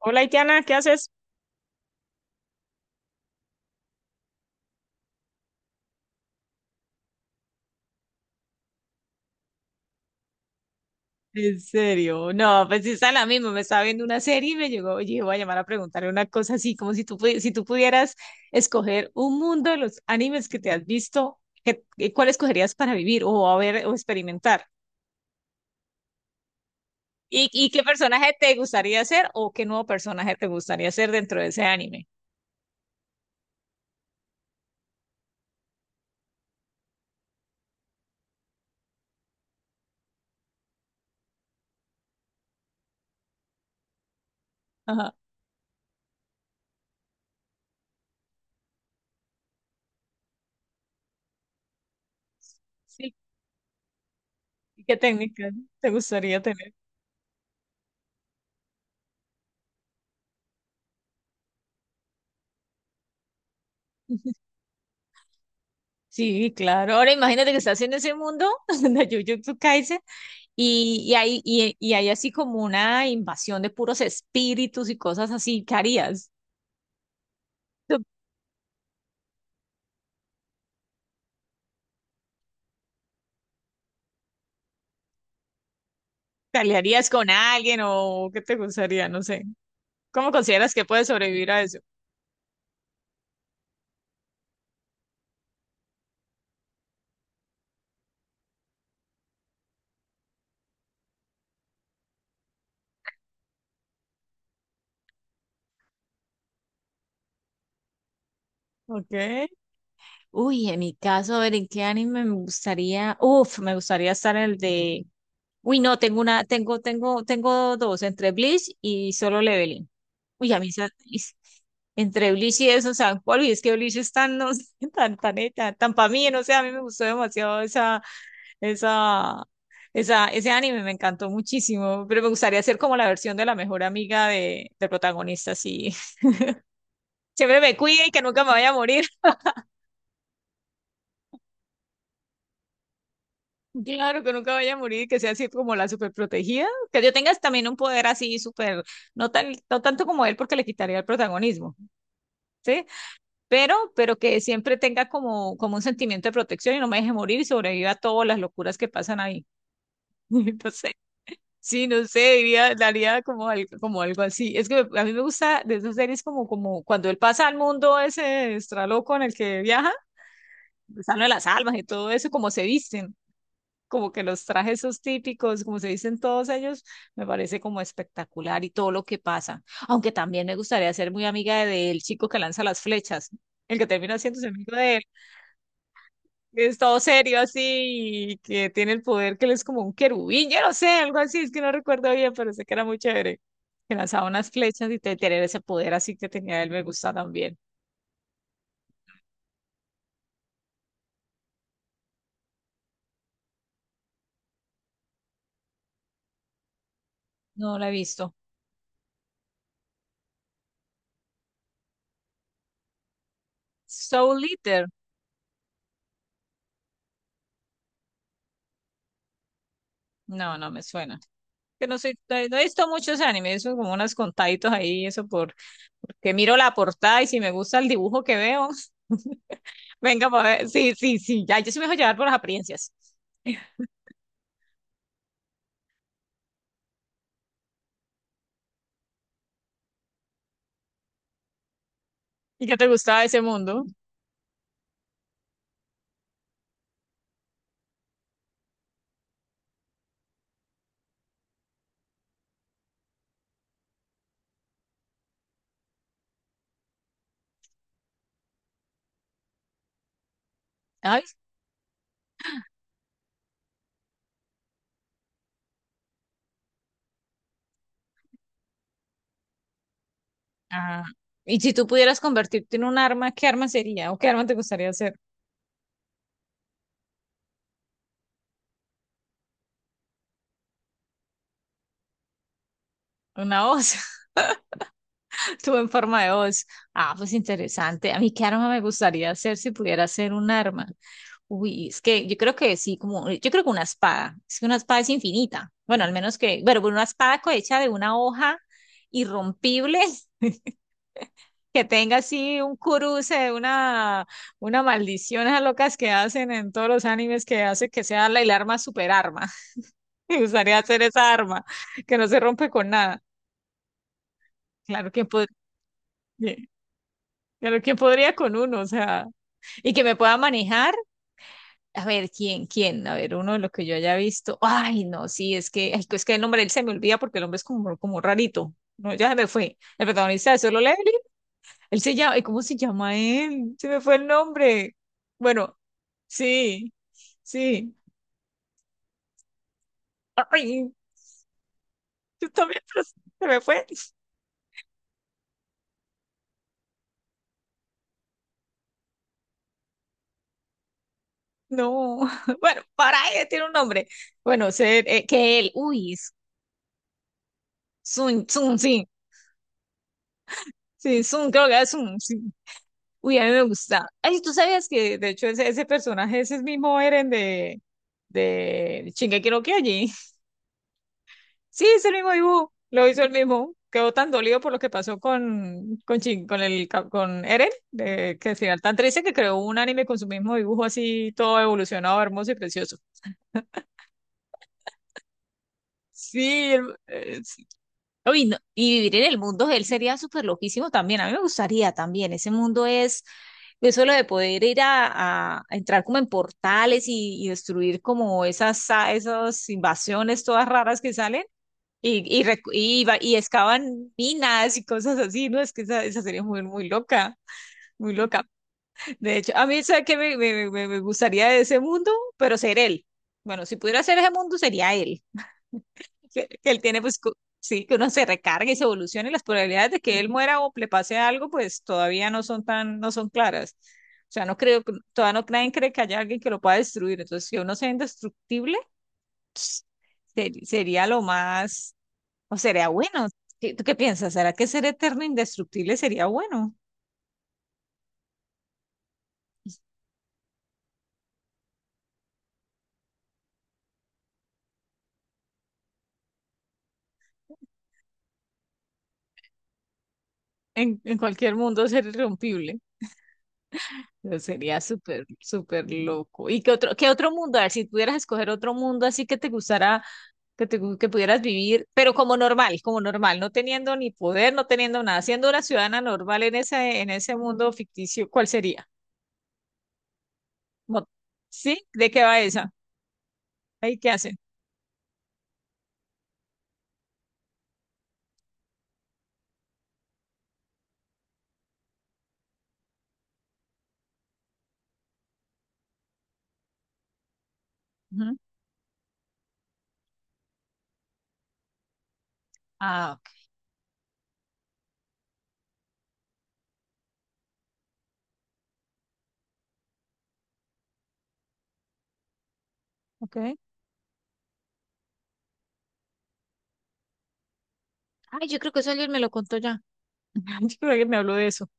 Hola, Itiana, ¿qué haces? En serio, no, pues sí está la misma, me estaba viendo una serie y me llegó, oye, voy a llamar a preguntarle una cosa así, como si tú, si tú pudieras escoger un mundo de los animes que te has visto, ¿cuál escogerías para vivir o a ver o experimentar? ¿Y qué personaje te gustaría ser o qué nuevo personaje te gustaría ser dentro de ese anime? Ajá, sí, ¿y qué técnica te gustaría tener? Sí, claro, ahora imagínate que estás en ese mundo de Jujutsu Kaisen. Y hay así como una invasión de puros espíritus y cosas así. ¿Qué harías? ¿Te pelearías con alguien o qué te gustaría? No sé. ¿Cómo consideras que puedes sobrevivir a eso? Okay. Uy, en mi caso, a ver, ¿en qué anime me gustaría? Uf, me gustaría estar en el de... Uy, no, tengo una, tengo, tengo, tengo dos, entre Bleach y Solo Leveling. Uy, a mí, entre Bleach y eso, o sea, cuál, y es que Bleach es tan, no sé, tan para mí, no sé, a mí me gustó demasiado esa. Esa, ese anime me encantó muchísimo, pero me gustaría ser como la versión de la mejor amiga del protagonista, sí. Siempre me cuide y que nunca me vaya a morir. Claro, que nunca vaya a morir y que sea así como la super protegida. Que yo tenga también un poder así súper, no tanto como él porque le quitaría el protagonismo, ¿sí? Pero que siempre tenga como, como un sentimiento de protección y no me deje morir y sobreviva a todas las locuras que pasan ahí. Entonces, sí, no sé, daría como algo así. Es que a mí me gusta de esas series como, como cuando él pasa al mundo ese extraloco en el que viaja, están de las almas y todo eso, como se visten, como que los trajes esos típicos, como se visten todos ellos, me parece como espectacular y todo lo que pasa. Aunque también me gustaría ser muy amiga del chico que lanza las flechas, el que termina siendo amigo de él que es todo serio así y que tiene el poder que él es como un querubín, yo no sé, algo así, es que no recuerdo bien, pero sé que era muy chévere. Que lanzaba unas flechas y tener ese poder así que tenía él me gusta también. No la he visto. Soul Eater. No, no me suena. Que no soy, no, no he visto muchos animes, son como unos contaditos ahí, eso porque miro la portada y si me gusta el dibujo que veo, venga para ver. Sí, sí, sí, ya, yo sí me dejo llevar por las apariencias. ¿Y qué te gustaba de ese mundo? Ah, y si tú pudieras convertirte en un arma, ¿qué arma sería? ¿O qué arma te gustaría ser? Una voz, tú en forma de voz. Ah, pues interesante. A mí, ¿qué arma me gustaría ser si pudiera ser un arma? Uy, es que yo creo que sí, como, yo creo que una espada. Es que una espada es infinita. Bueno, al menos que, bueno, una espada hecha de una hoja irrompible que tenga así un cruce, una maldición a locas que hacen en todos los animes que hace que sea el arma super arma. Me gustaría hacer esa arma que no se rompe con nada. Claro, eh, claro, ¿quién podría con uno? O sea, y que me pueda manejar. A ver, ¿quién? ¿Quién? A ver, uno de los que yo haya visto. Ay, no, sí, es que, ay, es que el nombre de él se me olvida porque el hombre es como, como rarito. No, ya se me fue. El protagonista de Solo Leveling. Él se llama, ay, ¿cómo se llama él? Se me fue el nombre. Bueno, sí, sí. Ay, yo también, pero se me fue. No, bueno, para ella tiene un nombre. Bueno, que él, uy, es Sun, Sun, sí, sí, Sun, creo que es Sun, sí. Uy, a mí me gusta. Ay, ¿tú sabías que, de hecho, ese personaje ese es el mismo Eren de Shingeki no Kyojin? Sí, es el mismo dibujo, lo hizo el mismo. Quedó tan dolido por lo que pasó con, Shin- con, el, ca- con Eren, que al final tan triste que creó un anime con su mismo dibujo así, todo evolucionado, hermoso y precioso. Sí, uy, no, y vivir en el mundo de él sería súper loquísimo también. A mí me gustaría también. Eso lo de poder ir a entrar como en portales y destruir como esas invasiones todas raras que salen y excavan minas y cosas así, ¿no? Es que esa sería muy, muy loca, muy loca. De hecho, a mí, ¿sabes qué me gustaría de ese mundo? Pero ser él. Bueno, si pudiera ser ese mundo, sería él que él tiene, pues sí, que uno se recargue y se evolucione, y las probabilidades de que él muera o le pase algo, pues todavía no son claras. O sea, no creo, todavía no, nadie cree que haya alguien que lo pueda destruir. Entonces, que uno sea indestructible sería lo más, o sería bueno. ¿Tú qué piensas? ¿Será que ser eterno indestructible sería bueno? En cualquier mundo ser irrompible. Pero sería súper, súper loco. ¿Y qué otro mundo? A ver, si pudieras escoger otro mundo así que te gustara que pudieras vivir, pero como normal, no teniendo ni poder, no teniendo nada, siendo una ciudadana normal en ese mundo ficticio, ¿cuál sería? No- ¿Sí? ¿De qué va esa? ¿Ahí qué hacen? Ujú. Ah, ok. Ok. Ay, yo creo que eso alguien me lo contó ya. Yo creo que me habló de eso.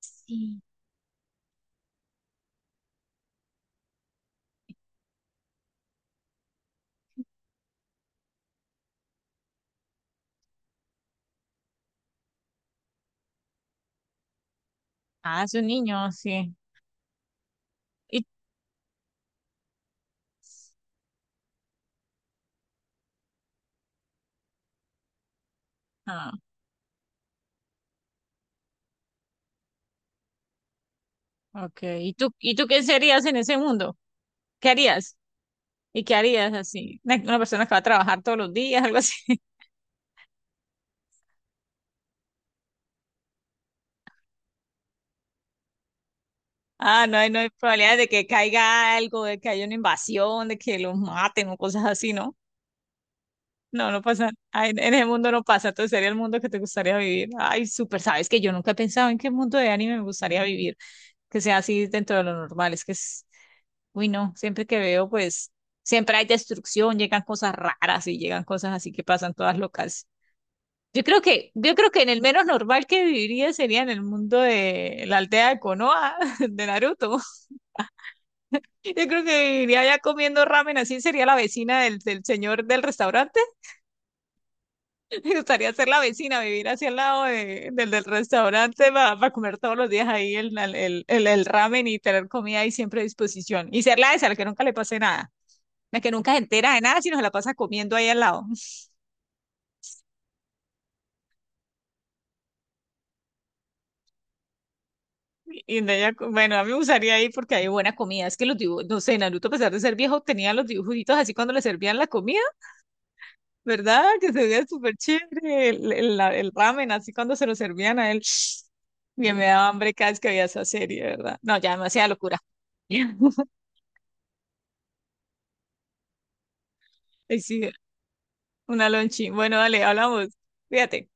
Sí. Ah, es un niño, sí. Y, ah, ok. ¿Y tú qué serías en ese mundo? ¿Qué harías? ¿Y qué harías así? Una persona que va a trabajar todos los días, algo así. Ah, no hay probabilidad de que caiga algo, de que haya una invasión, de que los maten o cosas así, ¿no? No, no pasa. Ah, en ese mundo no pasa. Entonces sería el mundo que te gustaría vivir. Ay, súper, sabes que yo nunca he pensado en qué mundo de anime me gustaría vivir, que sea así dentro de lo normal. Uy, no, siempre que veo, pues, siempre hay destrucción, llegan cosas raras y llegan cosas así que pasan todas locas. Yo creo que en el menos normal que viviría sería en el mundo de la aldea de Konoha, de Naruto. Yo creo que iría ya comiendo ramen, así sería la vecina del señor del restaurante. Me gustaría ser la vecina, vivir hacia el lado del restaurante para comer todos los días ahí el ramen y tener comida ahí siempre a disposición. Y ser la esa, a la que nunca le pase nada. La que nunca se entera de nada, sino se la pasa comiendo ahí al lado. Y de ella, bueno, a mí me gustaría ahí porque hay buena comida. Es que los dibujos, no sé, Naruto, a pesar de ser viejo, tenía los dibujitos así cuando le servían la comida. ¿Verdad? Que se veía súper chévere el ramen, así cuando se lo servían a él. Bien, me daba hambre cada vez que veía esa serie, ¿verdad? No, ya demasiada locura. Ahí sí, una lonchi. Bueno, dale, hablamos. Fíjate.